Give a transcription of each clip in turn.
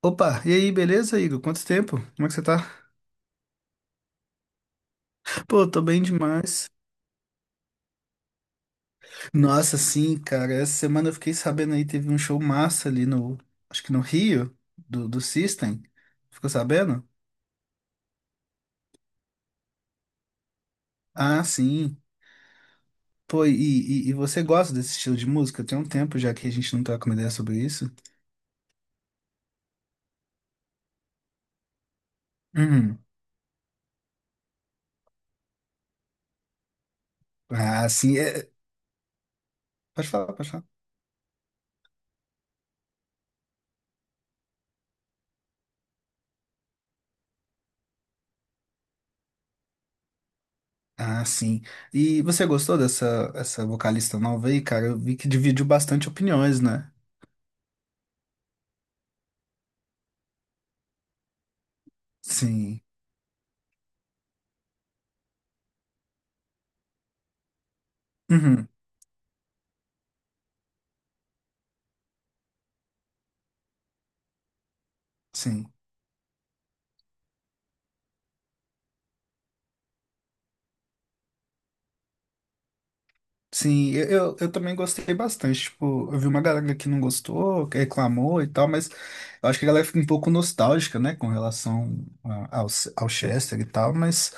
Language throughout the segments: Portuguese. Opa, e aí, beleza, Igor? Quanto tempo? Como é que você tá? Pô, tô bem demais. Nossa, sim, cara, essa semana eu fiquei sabendo aí, teve um show massa ali acho que no Rio, do System. Ficou sabendo? Ah, sim. Pô, e você gosta desse estilo de música? Tem um tempo já que a gente não troca uma ideia sobre isso. Uhum. Ah, sim. Pode falar, pode falar. Ah, sim. E você gostou dessa essa vocalista nova aí, cara? Eu vi que dividiu bastante opiniões, né? Sim. Uhum. Sim. Sim, eu também gostei bastante. Tipo, eu vi uma galera que não gostou, que reclamou e tal, mas eu acho que a galera fica um pouco nostálgica, né, com relação ao Chester e tal. Mas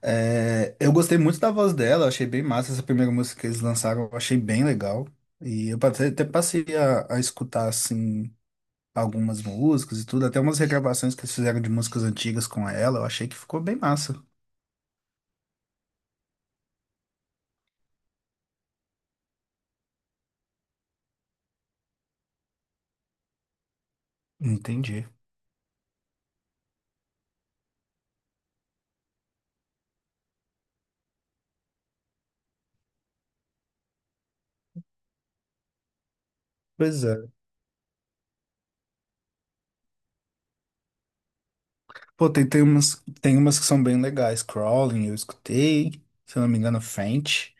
é, eu gostei muito da voz dela, eu achei bem massa essa primeira música que eles lançaram, eu achei bem legal. E eu até passei a escutar, assim, algumas músicas e tudo, até umas regravações que eles fizeram de músicas antigas com ela, eu achei que ficou bem massa. Entendi. Pois é. Pô, tem umas que são bem legais. Crawling, eu escutei. Se eu não me engano, French.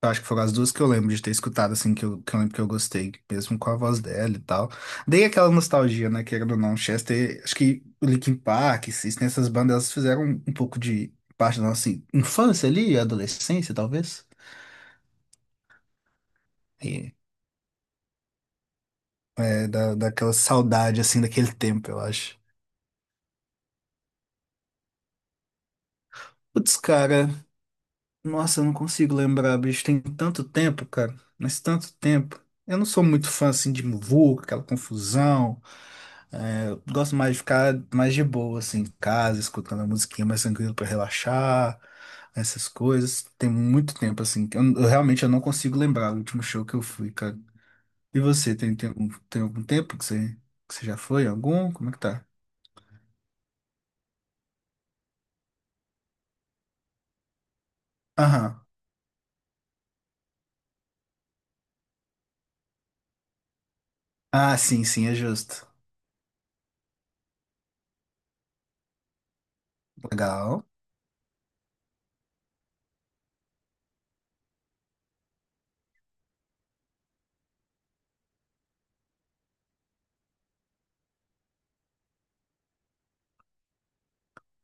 Eu acho que foram as duas que eu lembro de ter escutado, assim, que eu lembro que eu gostei, mesmo com a voz dela e tal. Dei aquela nostalgia, né, querendo ou não. Chester, acho que o Linkin Park, System, essas bandas, elas fizeram um pouco de parte da nossa infância ali, adolescência, talvez. E, daquela saudade, assim, daquele tempo, eu acho. Putz, cara. Nossa, eu não consigo lembrar, bicho. Tem tanto tempo, cara. Mas tanto tempo. Eu não sou muito fã, assim, de muvuca, aquela confusão. Eu gosto mais de ficar mais de boa, assim, em casa, escutando a musiquinha mais tranquilo pra relaxar, essas coisas. Tem muito tempo, assim, que eu realmente eu não consigo lembrar o último show que eu fui, cara. E você, tem algum tempo que você já foi? Algum? Como é que tá? Aham. Ah, sim, sim, é justo. Legal.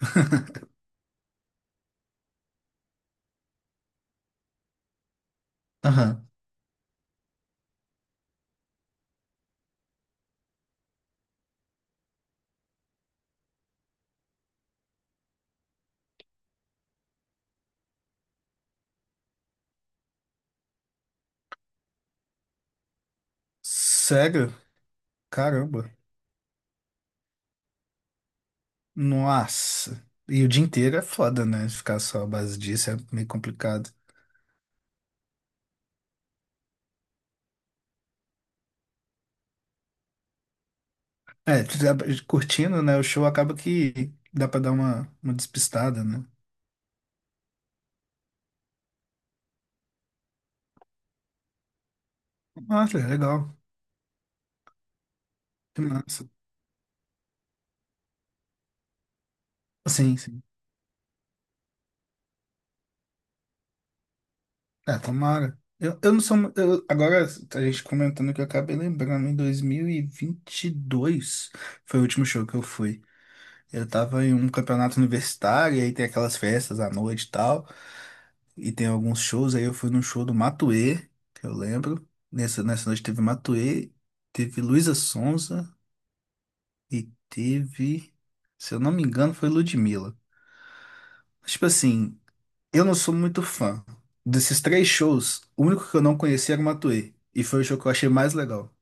Aham. Sério? Caramba. Nossa. E o dia inteiro é foda, né? Ficar só à base disso é meio complicado. É, tu já- curtindo, né? O show acaba que dá pra dar uma despistada, né? Nossa, é legal. Que massa. Sim, sim. É, tomara. Eu não sou. Agora, a gente comentando que eu acabei lembrando, em dois mil e vinte e dois foi o último show que eu fui. Eu tava em um campeonato universitário, e aí tem aquelas festas à noite e tal. E tem alguns shows, aí eu fui num show do Matuê, que eu lembro. Nessa noite teve Matuê, teve Luísa Sonza e teve, se eu não me engano, foi Ludmilla. Tipo assim, eu não sou muito fã. Desses três shows, o único que eu não conhecia era o Matuê. E foi o show que eu achei mais legal.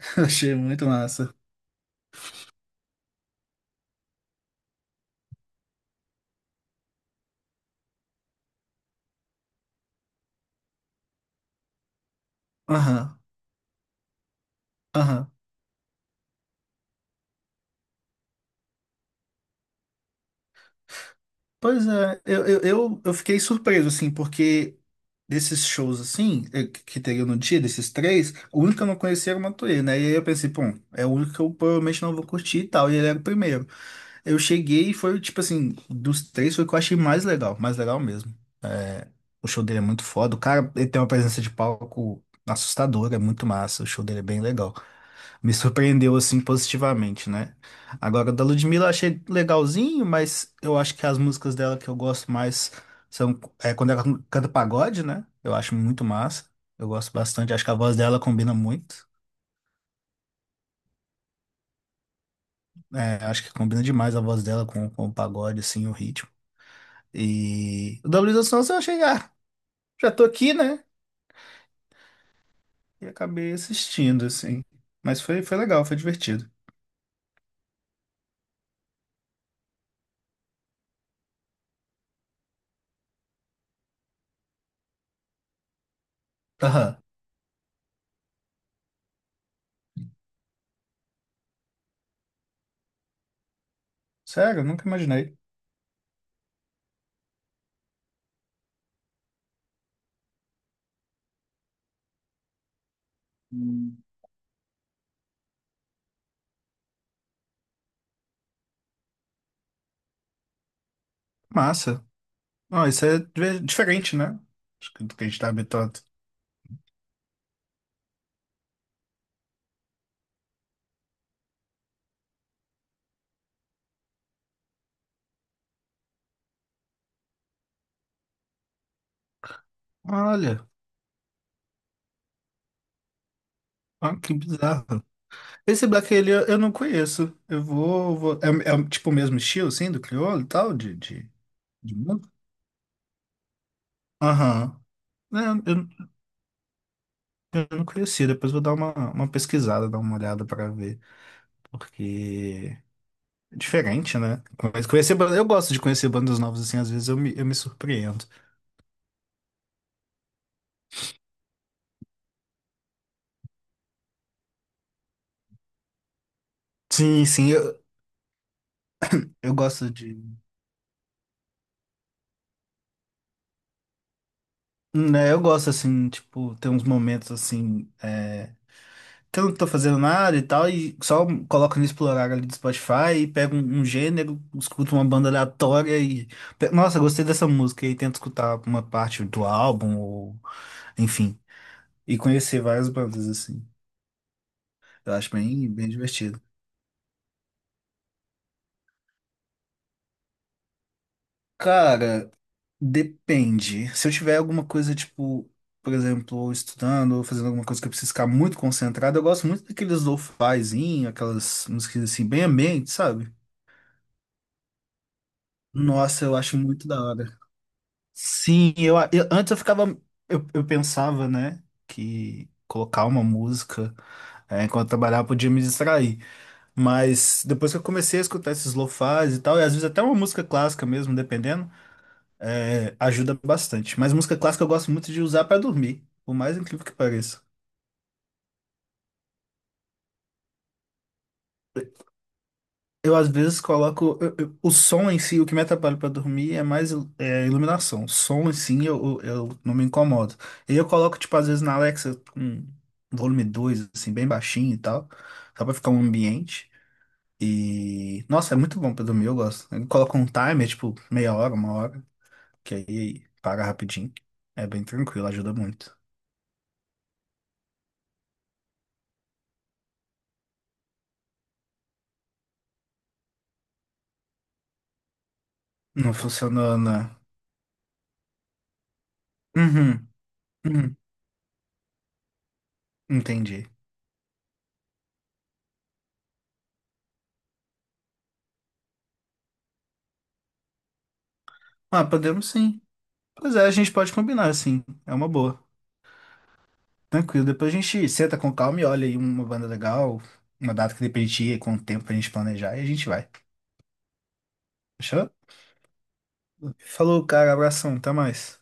Eu achei muito massa. Aham, aham. Pois é, eu fiquei surpreso, assim, porque desses shows, assim, que teria no dia, desses três, o único que eu não conhecia era o Matuê, né? E aí eu pensei, pô, é o único que eu provavelmente não vou curtir e tal, e ele era o primeiro. Eu cheguei e foi, tipo assim, dos três foi o que eu achei mais legal mesmo. É, O show dele é muito foda, o cara, ele tem uma presença de palco assustadora, é muito massa, o show dele é bem legal. Me surpreendeu assim positivamente, né? Agora, da Ludmilla eu achei legalzinho, mas eu acho que as músicas dela que eu gosto mais são quando ela canta pagode, né? Eu acho muito massa. Eu gosto bastante, acho que a voz dela combina muito. Acho que combina demais a voz dela com o pagode, assim, o ritmo. E o da Luísa Sonza eu achei, ah, já tô aqui, né? E acabei assistindo, assim. Mas foi legal, foi divertido. Aham. Sério, eu nunca imaginei. Massa. Não, isso é diferente, né? Do que a gente tá habituado. Olha, ó, que bizarro. Esse Black ele eu não conheço. É um, tipo o mesmo estilo, assim, do crioulo e tal, de música? Aham. É, eu, eu não conhecia. Depois vou dar uma pesquisada, dar uma olhada pra ver. Porque é diferente, né? Mas eu gosto de conhecer bandas novas, assim, às vezes eu me surpreendo. Sim, sim, eu gosto de. Né, eu gosto, assim, tipo, ter uns momentos, assim. Que eu não tô fazendo nada e tal, e só coloco no explorar ali do Spotify e pego um gênero, escuto uma banda aleatória. Nossa, gostei dessa música e tento escutar uma parte do álbum, ou enfim, e conhecer várias bandas assim. Eu acho bem, bem divertido. Cara, depende. Se eu tiver alguma coisa, tipo, por exemplo, estudando ou fazendo alguma coisa que eu preciso ficar muito concentrado, eu gosto muito daqueles lo-fizinho, aquelas músicas assim, bem ambiente, sabe? Nossa, eu acho muito da hora. Sim, antes eu ficava, eu pensava, né, que colocar uma música, enquanto eu trabalhava podia me distrair, mas depois que eu comecei a escutar esses lo-fis e tal, e às vezes até uma música clássica mesmo, dependendo, ajuda bastante. Mas música clássica eu gosto muito de usar para dormir, por mais incrível que pareça. Eu às vezes coloco o som em si, o que me atrapalha para dormir é mais, iluminação. O som em si eu não me incomodo. E eu coloco, tipo, às vezes na Alexa com volume 2 assim, bem baixinho e tal, só pra ficar um ambiente. E nossa, é muito bom pra dormir, eu gosto. Eu coloco um timer, tipo, meia hora, uma hora, que aí paga rapidinho. É bem tranquilo, ajuda muito. Não funcionou na. Uhum, uhum, entendi. Ah, podemos sim. Pois é, a gente pode combinar, sim. É uma boa. Tranquilo, depois a gente senta com calma e olha aí uma banda legal, uma data que dê pra gente ir, com o tempo pra gente planejar e a gente vai. Fechou? Falou, cara, abração, até mais.